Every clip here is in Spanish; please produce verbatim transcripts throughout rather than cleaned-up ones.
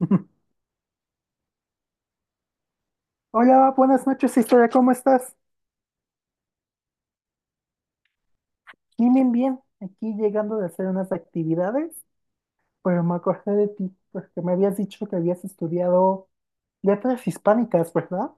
Hola, buenas noches, historia, ¿cómo estás? Bien, bien, bien. Aquí llegando de hacer unas actividades, pero me acordé de ti, porque me habías dicho que habías estudiado letras hispánicas, ¿verdad?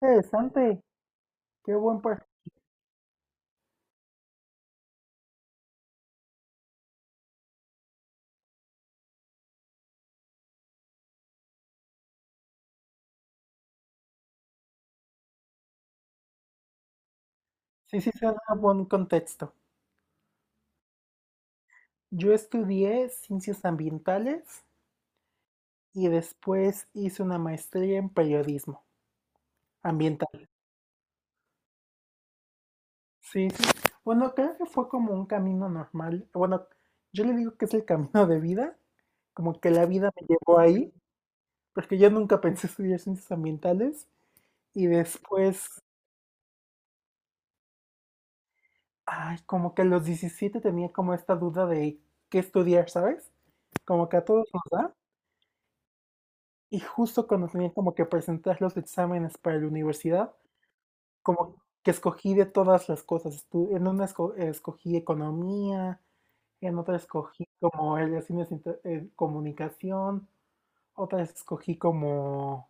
Interesante, qué buen par. Sí, sí, se da buen contexto. Yo estudié ciencias ambientales y después hice una maestría en periodismo ambiental. Sí, sí. Bueno, creo que fue como un camino normal. Bueno, yo le digo que es el camino de vida, como que la vida me llevó ahí, porque yo nunca pensé estudiar ciencias ambientales y después, ay, como que a los diecisiete tenía como esta duda de qué estudiar, ¿sabes? Como que a todos nos da. Y justo cuando tenía como que presentar los exámenes para la universidad, como que escogí de todas las cosas. estu- En una esco- escogí economía. En otra escogí como relaciones inter- eh, comunicación. Otra escogí como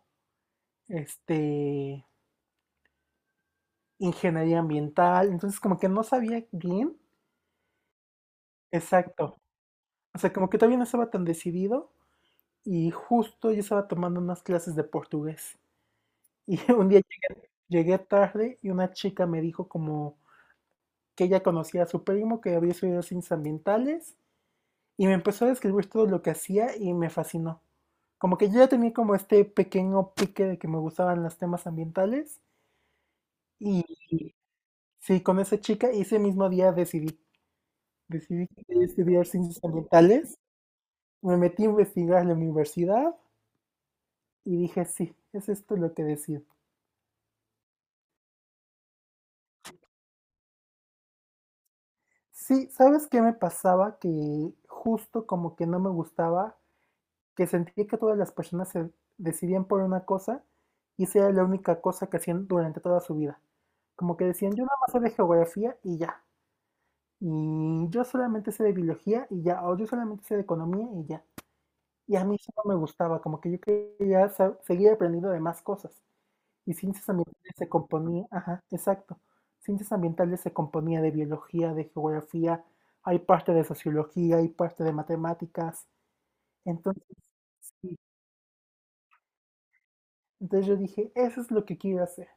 este ingeniería ambiental, entonces como que no sabía bien, exacto. O sea, como que todavía no estaba tan decidido y justo yo estaba tomando unas clases de portugués y un día llegué llegué tarde y una chica me dijo como que ella conocía a su primo que había estudiado ciencias ambientales y me empezó a describir todo lo que hacía y me fascinó. Como que yo ya tenía como este pequeño pique de que me gustaban los temas ambientales y y sí, con esa chica y ese mismo día decidí, decidí que quería estudiar ciencias ambientales, me metí a investigar en la universidad y dije, sí, es esto lo que decido. Sí, ¿sabes qué me pasaba? Que justo como que no me gustaba, que sentía que todas las personas se decidían por una cosa y esa era la única cosa que hacían durante toda su vida. Como que decían, yo nada más sé de geografía y ya. Y yo solamente sé de biología y ya. O yo solamente sé de economía y ya. Y a mí eso no me gustaba, como que yo quería sa- seguir aprendiendo de más cosas. Y ciencias ambientales se componía, ajá, exacto. Ciencias ambientales se componía de biología, de geografía, hay parte de sociología, hay parte de matemáticas. Entonces, sí. Entonces yo dije, eso es lo que quiero hacer.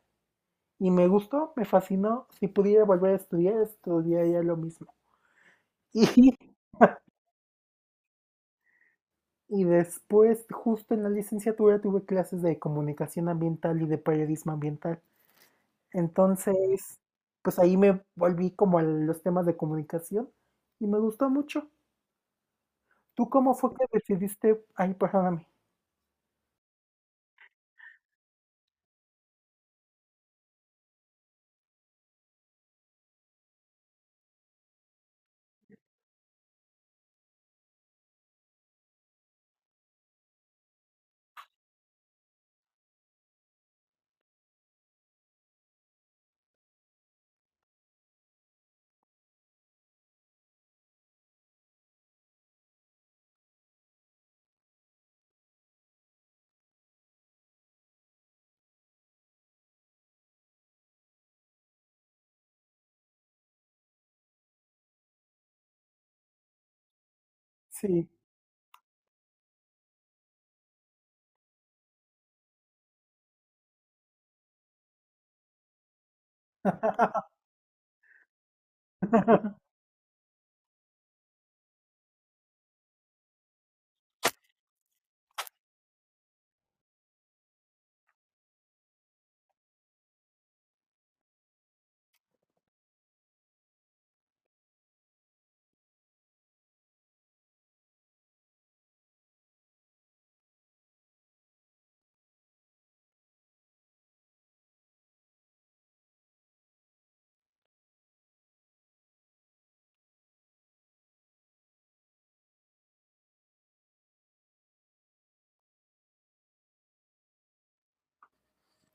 Y me gustó, me fascinó. Si pudiera volver a estudiar, estudiaría lo mismo. Y, y después, justo en la licenciatura, tuve clases de comunicación ambiental y de periodismo ambiental. Entonces, pues ahí me volví como a los temas de comunicación y me gustó mucho. ¿Tú cómo fue que decidiste? Ay, perdóname. Sí.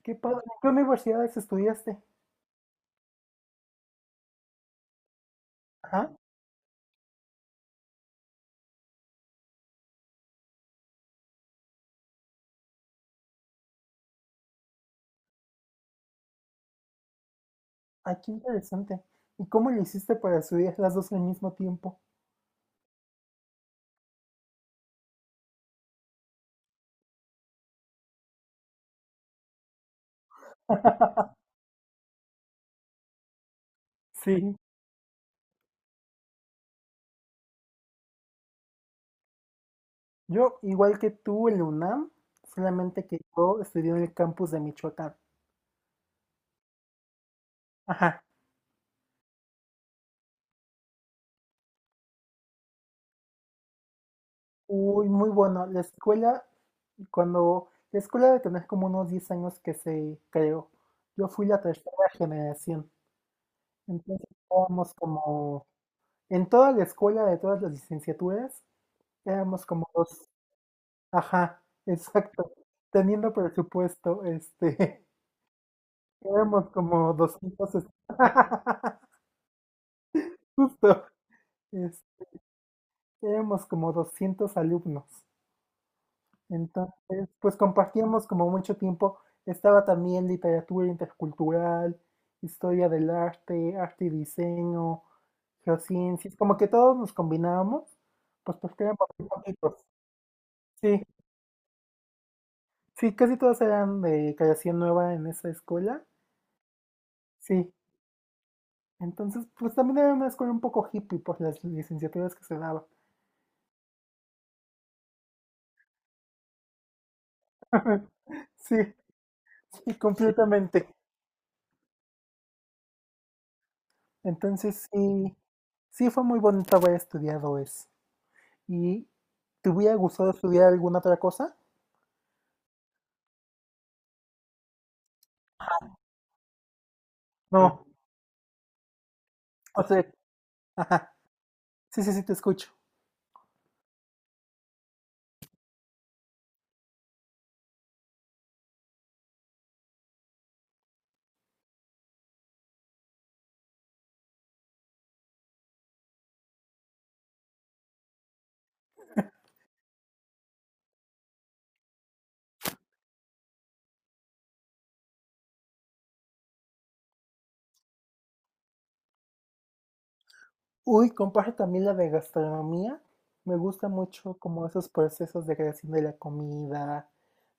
Qué padre. ¿En ¿Qué universidades estudiaste? Ajá. Ay, qué interesante. ¿Y cómo le hiciste para estudiar las dos al mismo tiempo? Sí, yo igual que tú en la UNAM, solamente que yo estudié en el campus de Michoacán. Ajá. Uy, muy bueno. La escuela, cuando la escuela de tener como unos diez años que se creó, yo fui la tercera generación. Entonces éramos como, en toda la escuela de todas las licenciaturas, éramos como dos. Ajá, exacto. Teniendo presupuesto, este. Tenemos como doscientos es- justo, es- éramos como doscientos alumnos. Entonces, pues compartíamos como mucho tiempo. Estaba también literatura intercultural, historia del arte, arte y diseño, geociencias, como que todos nos combinábamos, pues porque éramos muy poquitos. Sí, sí, casi todos eran de creación nueva en esa escuela. Sí, entonces, pues también era una escuela un poco hippie por las licenciaturas que se daban. Sí. Sí, completamente. Entonces sí, sí fue muy bonito haber estudiado eso. ¿Y te hubiera gustado estudiar alguna otra cosa? No, o sea, ajá, sí, sí, sí, te escucho. Uy, comparto también la de gastronomía. Me gusta mucho como esos procesos de creación de la comida,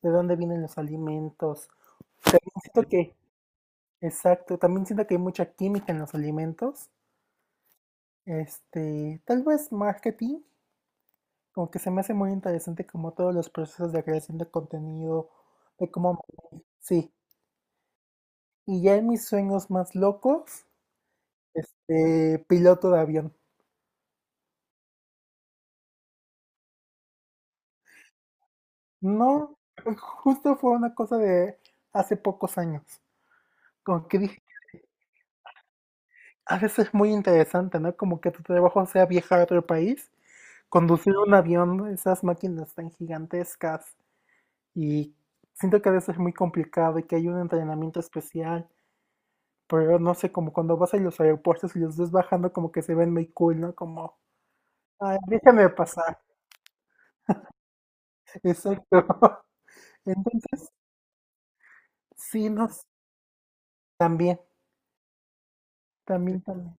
de dónde vienen los alimentos. También siento que, exacto, también siento que hay mucha química en los alimentos. Este, tal vez marketing. Como que se me hace muy interesante como todos los procesos de creación de contenido, de cómo... Sí, y ya en mis sueños más locos, este, piloto de avión. No, pues, justo fue una cosa de hace pocos años. Como que dije, a veces es muy interesante, ¿no? Como que tu trabajo sea viajar a otro país, conducir un avión, esas máquinas tan gigantescas. Y siento que a veces es muy complicado y que hay un entrenamiento especial. Pero no sé, como cuando vas a los aeropuertos y los ves bajando, como que se ven muy cool, ¿no? Como, ay, déjame pasar. Exacto. Entonces, sí, nos, también, también, también.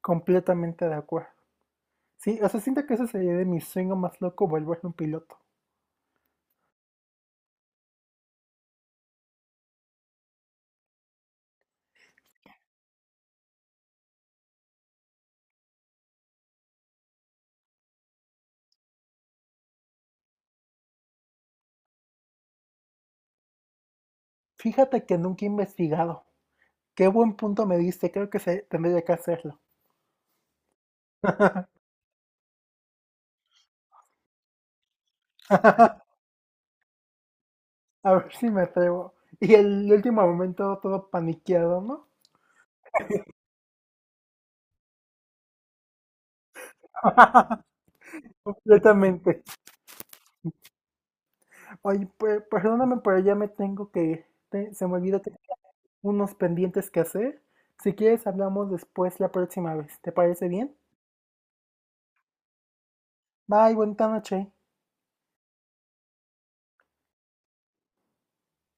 Completamente de acuerdo. Sí, o sea, siento que eso sería de mi sueño más loco, volverme un piloto. Fíjate que nunca he investigado. Qué buen punto me diste, creo que se, tendría que hacerlo. A ver si me atrevo. Y el último momento todo paniqueado, ¿no? Completamente. Oye, per- perdóname, pero ya me tengo que ir. Te- se me olvidó que tenía unos pendientes que hacer. Si quieres, hablamos después la próxima vez. ¿Te parece bien? Bye, buena noche.